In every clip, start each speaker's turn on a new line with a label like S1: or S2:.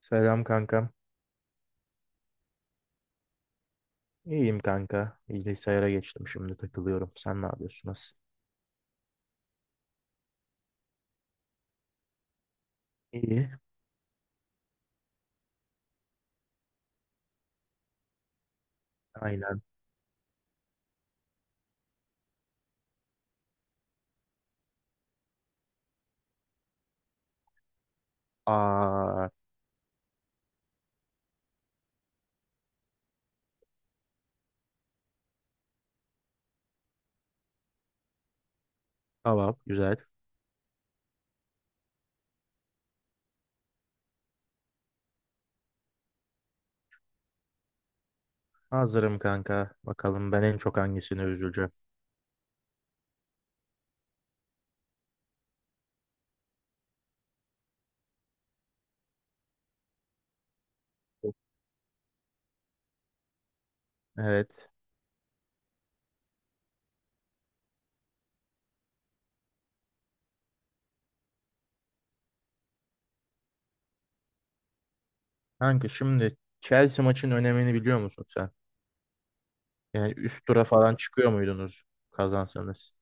S1: Selam kankam. İyiyim kanka. Bilgisayara geçtim şimdi takılıyorum. Sen ne yapıyorsun? Nasıl? İyi. Aynen. Aa, tamam güzel. Hazırım kanka. Bakalım ben en çok hangisini üzüleceğim. Evet. Kanka şimdi Chelsea maçın önemini biliyor musun sen? Yani üst tura falan çıkıyor muydunuz kazansanız?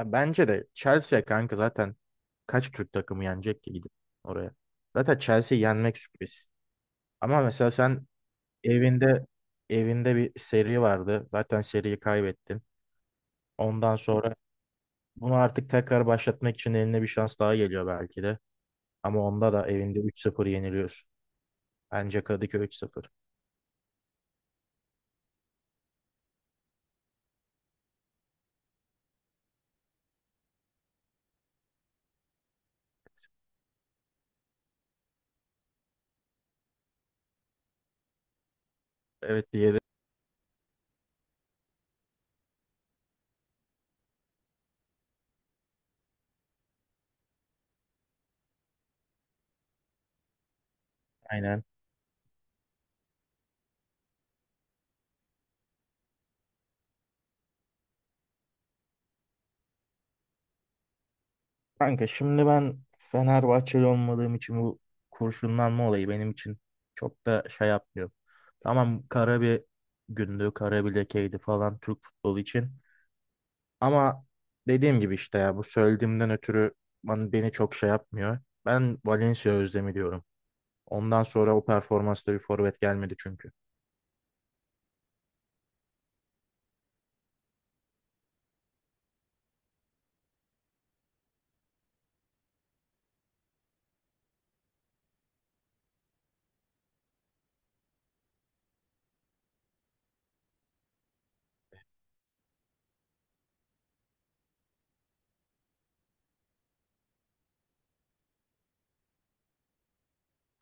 S1: Ya bence de Chelsea kanka, zaten kaç Türk takımı yenecek ki gidip oraya? Zaten Chelsea yenmek sürpriz. Ama mesela sen, Evinde evinde bir seri vardı. Zaten seriyi kaybettin. Ondan sonra bunu artık tekrar başlatmak için eline bir şans daha geliyor belki de. Ama onda da evinde 3-0 yeniliyorsun. Bence Kadıköy 3-0. Evet, diğeri. Aynen. Kanka şimdi ben Fenerbahçeli olmadığım için bu kurşunlanma olayı benim için çok da şey yapmıyor. Tamam, kara bir gündü, kara bir lekeydi falan Türk futbolu için. Ama dediğim gibi işte ya, bu söylediğimden ötürü beni çok şey yapmıyor. Ben Valencia özlemi diyorum. Ondan sonra o performansta bir forvet gelmedi çünkü.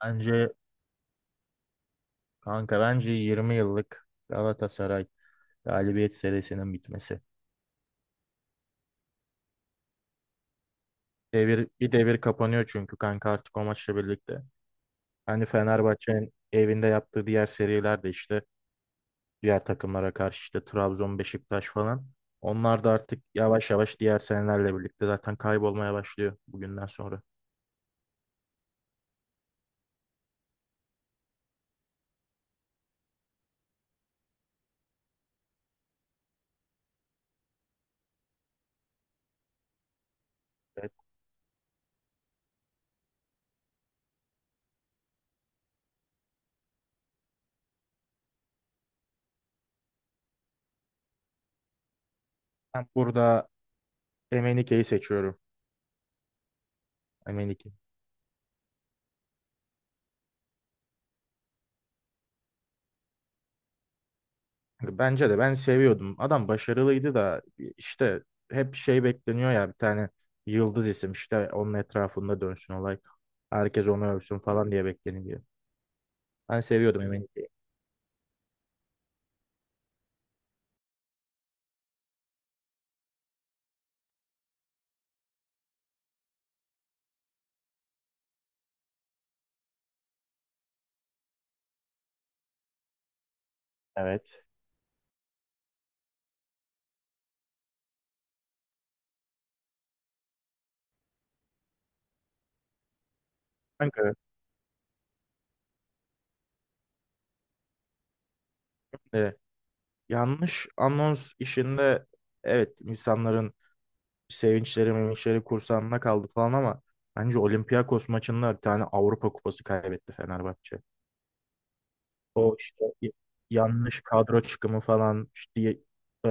S1: Bence kanka, bence 20 yıllık Galatasaray galibiyet serisinin bitmesi. Bir devir kapanıyor çünkü kanka artık o maçla birlikte. Hani Fenerbahçe'nin evinde yaptığı diğer seriler de işte diğer takımlara karşı işte Trabzon, Beşiktaş falan. Onlar da artık yavaş yavaş diğer senelerle birlikte zaten kaybolmaya başlıyor bugünden sonra. Evet, ben burada Emenike'yi seçiyorum. Emenike. Bence de ben seviyordum. Adam başarılıydı da işte hep şey bekleniyor ya, bir tane yıldız isim işte onun etrafında dönsün olay. Herkes onu övsün falan diye bekleniyor. Ben seviyordum Emenike'yi. Evet. Kanka, e, yanlış anons işinde evet insanların sevinçleri mevinçleri kursağında kaldı falan, ama bence Olympiakos maçında bir tane Avrupa Kupası kaybetti Fenerbahçe. O işte yanlış kadro çıkımı falan işte e,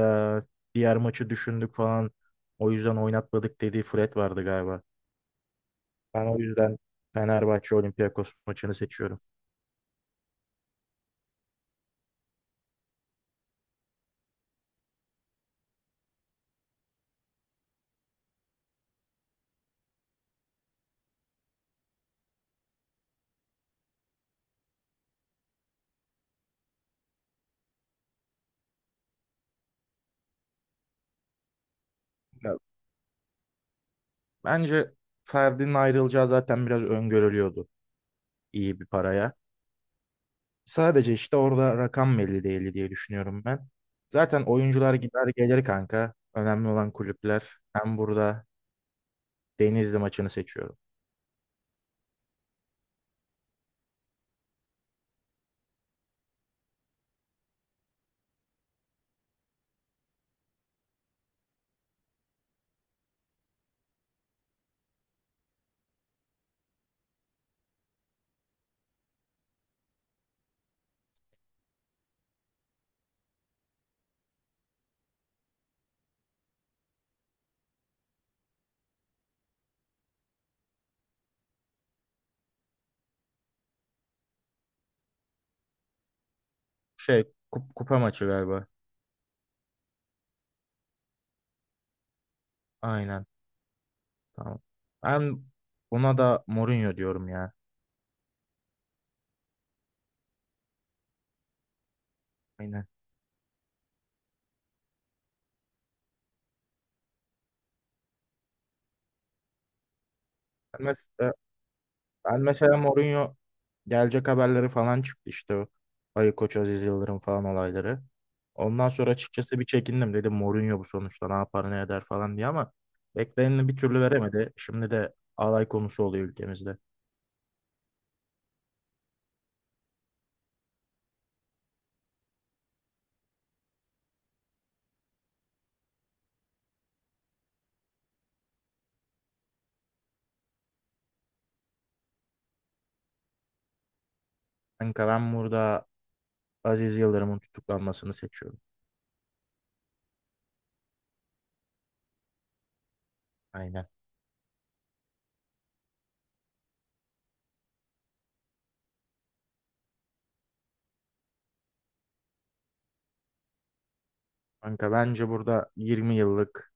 S1: diğer maçı düşündük falan o yüzden oynatmadık dediği Fred vardı galiba. Ben o yüzden Fenerbahçe Olympiakos maçını seçiyorum. Ya, bence Ferdi'nin ayrılacağı zaten biraz öngörülüyordu, iyi bir paraya. Sadece işte orada rakam belli değildi diye düşünüyorum ben. Zaten oyuncular gider gelir kanka. Önemli olan kulüpler. Ben burada Denizli maçını seçiyorum. Şey, kupa maçı galiba. Aynen. Tamam. Ben buna da Mourinho diyorum ya. Aynen. Ben mesela, ben mesela Mourinho gelecek haberleri falan çıktı işte. Ayı Koç Aziz Yıldırım falan olayları. Ondan sonra açıkçası bir çekindim. Dedim Mourinho bu sonuçta ne yapar ne eder falan diye, ama bekleneni bir türlü veremedi. Şimdi de alay konusu oluyor ülkemizde. Kanka ben burada Aziz Yıldırım'ın tutuklanmasını seçiyorum. Aynen. Kanka bence burada 20 yıllık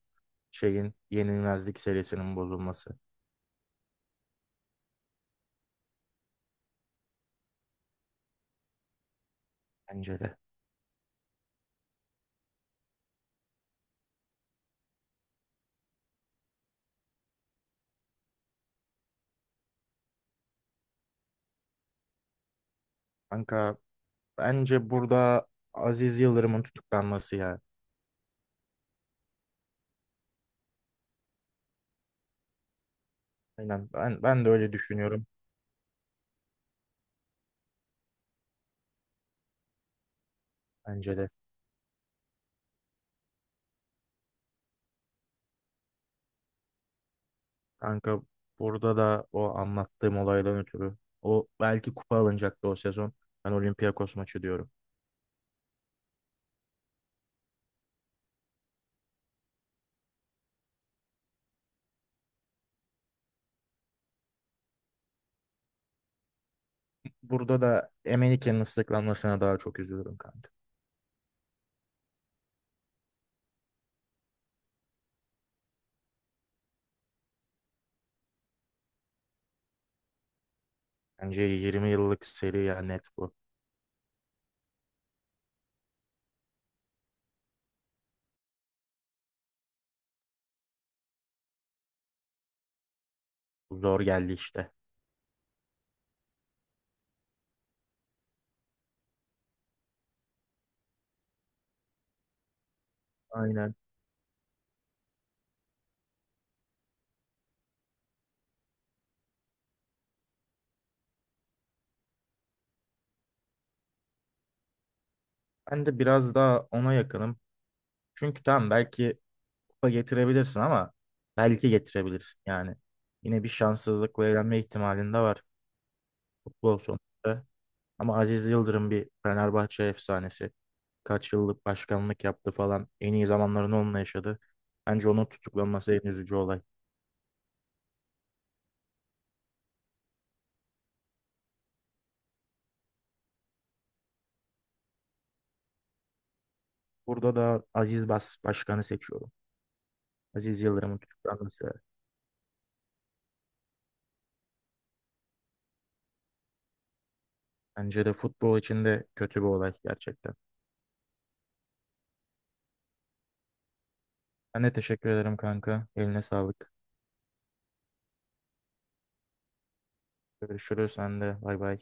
S1: şeyin yenilmezlik serisinin bozulması. Bence de. Kanka bence burada Aziz Yıldırım'ın tutuklanması ya. Aynen, ben de öyle düşünüyorum, bence de. Kanka burada da o anlattığım olaydan ötürü o belki kupa alınacaktı o sezon. Ben Olympiakos maçı diyorum. Burada da Emenike'nin ıslıklanmasına daha çok üzülürüm kanka. Bence 20 yıllık seri ya, net bu. Zor geldi işte. Aynen. Ben de biraz daha ona yakınım. Çünkü tamam belki kupa getirebilirsin ama belki getirebilirsin yani. Yine bir şanssızlıkla elenme ihtimalin de var, futbol sonuçta. Ama Aziz Yıldırım bir Fenerbahçe efsanesi. Kaç yıllık başkanlık yaptı falan. En iyi zamanlarını onunla yaşadı. Bence onun tutuklanması en üzücü olay. Burada da Aziz başkanı seçiyorum. Aziz Yıldırım'ın tutuklanması bence de futbol için de kötü bir olay gerçekten. Ben de teşekkür ederim kanka. Eline sağlık. Görüşürüz sen de. Bay bay.